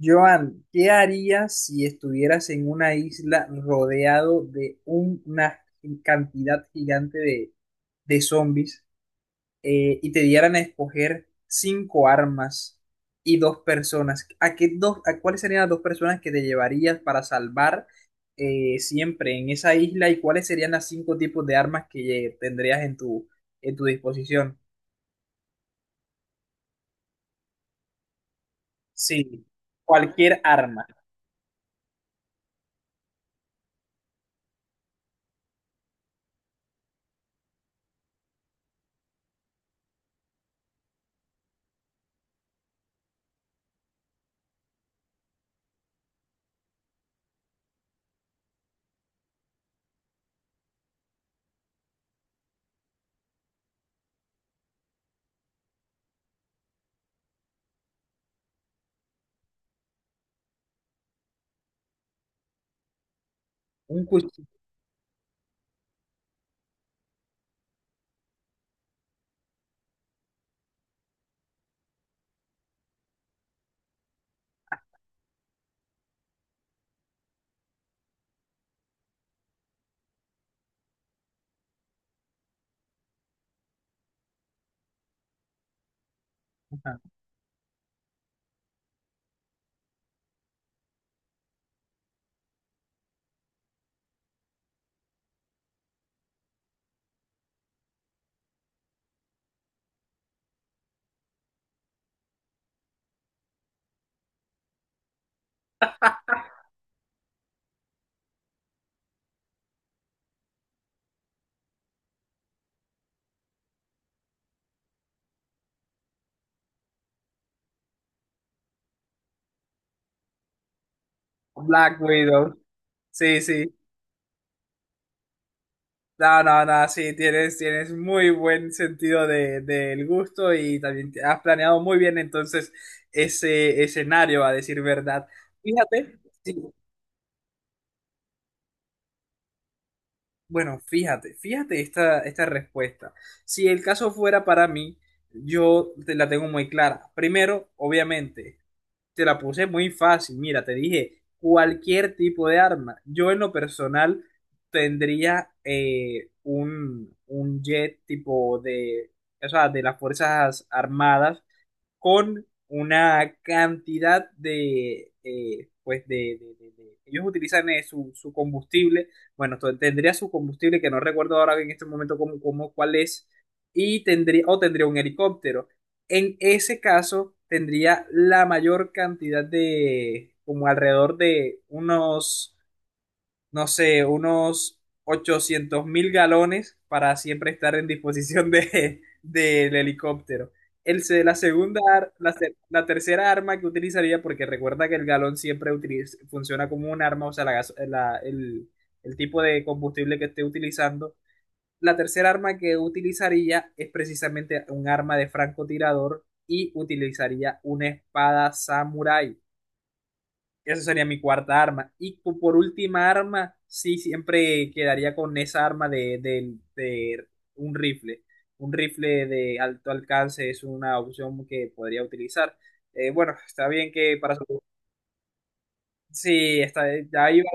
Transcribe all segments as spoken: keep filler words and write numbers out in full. Joan, ¿qué harías si estuvieras en una isla rodeado de un- una cantidad gigante de, de zombies, eh, y te dieran a escoger cinco armas y dos personas? ¿A qué dos, a cuáles serían las dos personas que te llevarías para salvar, eh, siempre en esa isla, y cuáles serían las cinco tipos de armas que eh, tendrías en tu, en tu disposición? Sí, cualquier arma, un cuchillo, ajá, Black Widow. Sí, sí. No, no, no, sí, tienes, tienes muy buen sentido de, del gusto, y también te- has planeado muy bien entonces ese escenario, a decir verdad. Fíjate, sí, bueno, fíjate, fíjate esta, esta respuesta. Si el caso fuera para mí, yo te la tengo muy clara. Primero, obviamente, te la puse muy fácil. Mira, te dije, cualquier tipo de arma. Yo en lo personal tendría, eh, un, un jet tipo de, o sea, de las Fuerzas Armadas, con una cantidad de, eh, pues de, de- de- de- ellos utilizan, eh, su, su combustible. Bueno, to- tendría su combustible, que no recuerdo ahora en este momento cómo, cómo- cuál es, y tendría, o tendría un helicóptero. En ese caso, tendría la mayor cantidad de, como alrededor de unos, no sé, unos ochocientos mil galones, para siempre estar en disposición de, del helicóptero. El, se- la segunda, ar- la, se- la tercera arma que utilizaría, porque recuerda que el galón siempre utiliz- funciona como un arma, o sea, la gas- la- el, el tipo de combustible que esté utilizando. La tercera arma que utilizaría es precisamente un arma de francotirador, y utilizaría una espada samurái. Esa sería mi cuarta arma. Y cu- por última arma, sí, siempre quedaría con esa arma de, de- de un rifle. Un rifle de alto alcance es una opción que podría utilizar. Eh, bueno, está bien que para. Sí, está, ya iba,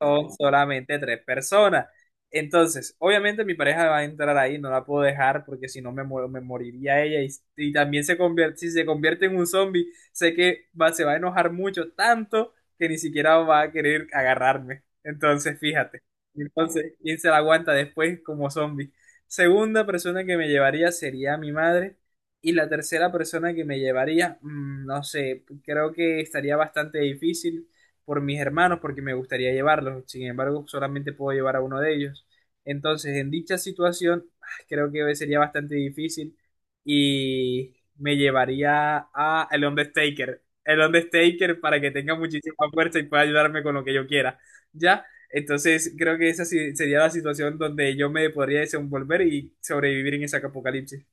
son solamente tres personas. Entonces, obviamente mi pareja va a entrar ahí, no la puedo dejar, porque si no me muero, me moriría ella. Y, y también se convierte, si se convierte en un zombie, sé que va, se va a enojar mucho, tanto que ni siquiera va a querer agarrarme. Entonces, fíjate. Entonces, ¿quién se la aguanta después como zombie? Segunda persona que me llevaría sería mi madre, y la tercera persona que me llevaría, mm, no sé, creo que estaría bastante difícil por mis hermanos, porque me gustaría llevarlos, sin embargo solamente puedo llevar a uno de ellos. Entonces, en dicha situación, ah, creo que sería bastante difícil, y me llevaría a el Undertaker, el Undertaker, para que tenga muchísima fuerza y pueda ayudarme con lo que yo quiera, ¿ya? Entonces, creo que esa sí sería la situación donde yo me podría desenvolver y sobrevivir en ese apocalipsis.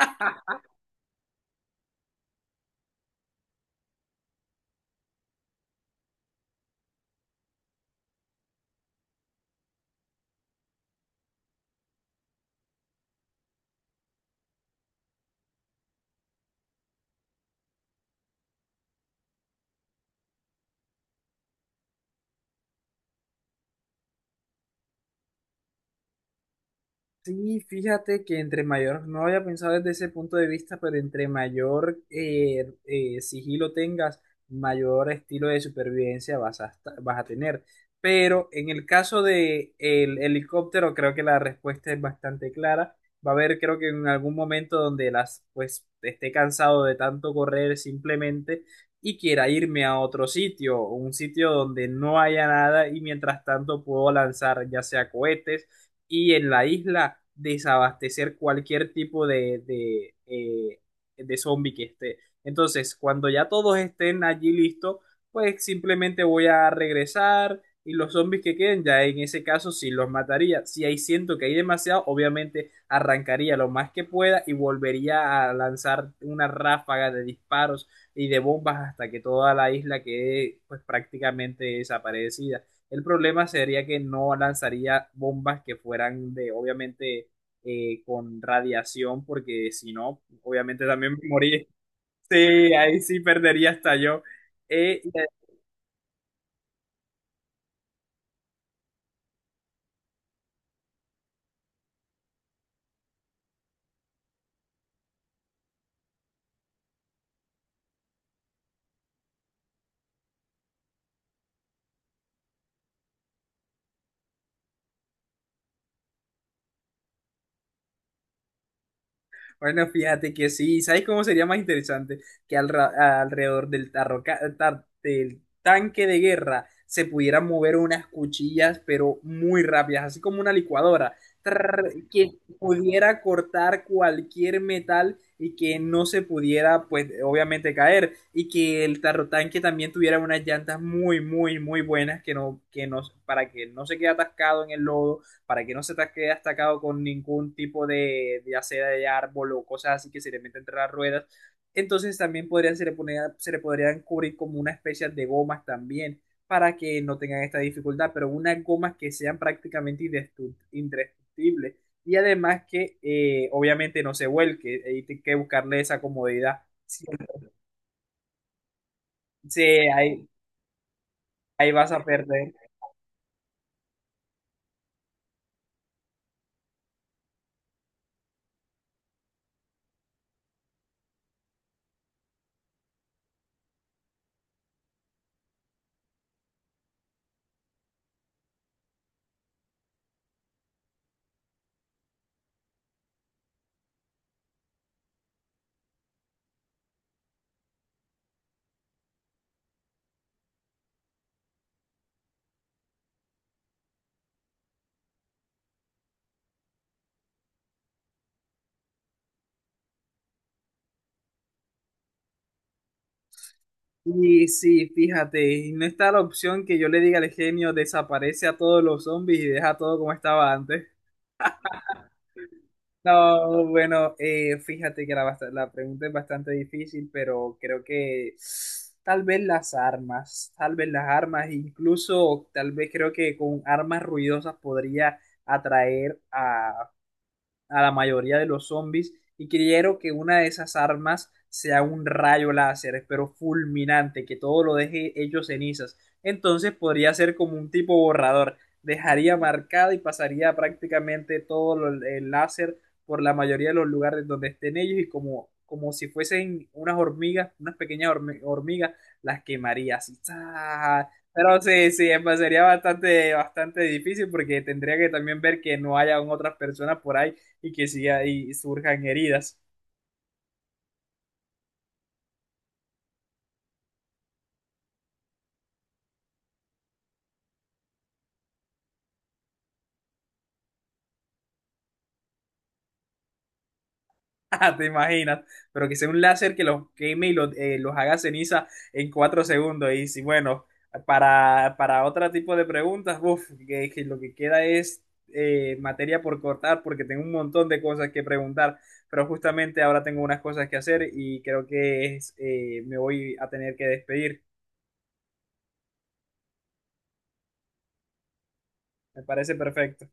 Sí, fíjate que entre mayor, no había pensado desde ese punto de vista, pero entre mayor, eh, eh, sigilo tengas, mayor estilo de supervivencia vas a, esta- vas a tener. Pero en el caso de el helicóptero, creo que la respuesta es bastante clara. Va a haber, creo que en algún momento donde las, pues, esté cansado de tanto correr simplemente, y quiera irme a otro sitio, un sitio donde no haya nada, y mientras tanto puedo lanzar ya sea cohetes, y en la isla desabastecer cualquier tipo de, de, eh, de zombie que esté. Entonces, cuando ya todos estén allí listos, pues simplemente voy a regresar, y los zombies que queden, ya en ese caso sí los mataría. Si ahí siento que hay demasiado, obviamente arrancaría lo más que pueda, y volvería a lanzar una ráfaga de disparos y de bombas, hasta que toda la isla quede, pues, prácticamente desaparecida. El problema sería que no lanzaría bombas que fueran de, obviamente, eh, con radiación, porque si no, obviamente también me moría. Sí, ahí sí perdería hasta yo. Eh, y Bueno, fíjate que sí. ¿Sabes cómo sería más interesante? Que al ra- alrededor del, tarroca- tar- del tanque de guerra, se pudieran mover unas cuchillas, pero muy rápidas, así como una licuadora. Trrr, que pudiera cortar cualquier metal, y que no se pudiera, pues, obviamente caer. Y que el tarrotanque también tuviera unas llantas muy, muy, muy buenas, que no, que no, para que no se quede atascado en el lodo, para que no se te quede atacado con ningún tipo de, ya sea de árbol o cosas así que se le meten entre las ruedas. Entonces también podrían, se le, ponía- se le podrían cubrir como una especie de gomas también, para que no tengan esta dificultad, pero unas gomas que sean prácticamente indestu- indestructibles, y además que, eh, obviamente, no se vuelque, hay que buscarle esa comodidad. Sí, sí, ahí, ahí vas a perder. Y sí, fíjate, y no está la opción que yo le diga al genio: desaparece a todos los zombies y deja todo como estaba antes. No, bueno, eh, fíjate que la, bast- la pregunta es bastante difícil, pero creo que tal vez las armas, tal vez las armas, incluso tal vez creo que con armas ruidosas podría atraer a la mayoría de los zombies. Y quiero que una de esas armas sea un rayo láser, pero fulminante, que todo lo deje hecho cenizas. Entonces podría ser como un tipo borrador, dejaría marcado y pasaría prácticamente todo lo- el láser por la mayoría de los lugares donde estén ellos, y como, como, si fuesen unas hormigas, unas pequeñas hormi- hormigas, las quemaría así. ¡Za! Pero sí, sí, em, sería bastante, bastante difícil, porque tendría que también ver que no hayan otras personas por ahí, y que sí ahí surjan heridas. Ah, te imaginas, pero que sea un láser que los queme y los, eh, los haga ceniza en cuatro segundos. Y si, bueno, para, para otro tipo de preguntas, uf, que, que lo que queda es, eh, materia por cortar, porque tengo un montón de cosas que preguntar, pero justamente ahora tengo unas cosas que hacer, y creo que es, eh, me voy a tener que despedir. Me parece perfecto.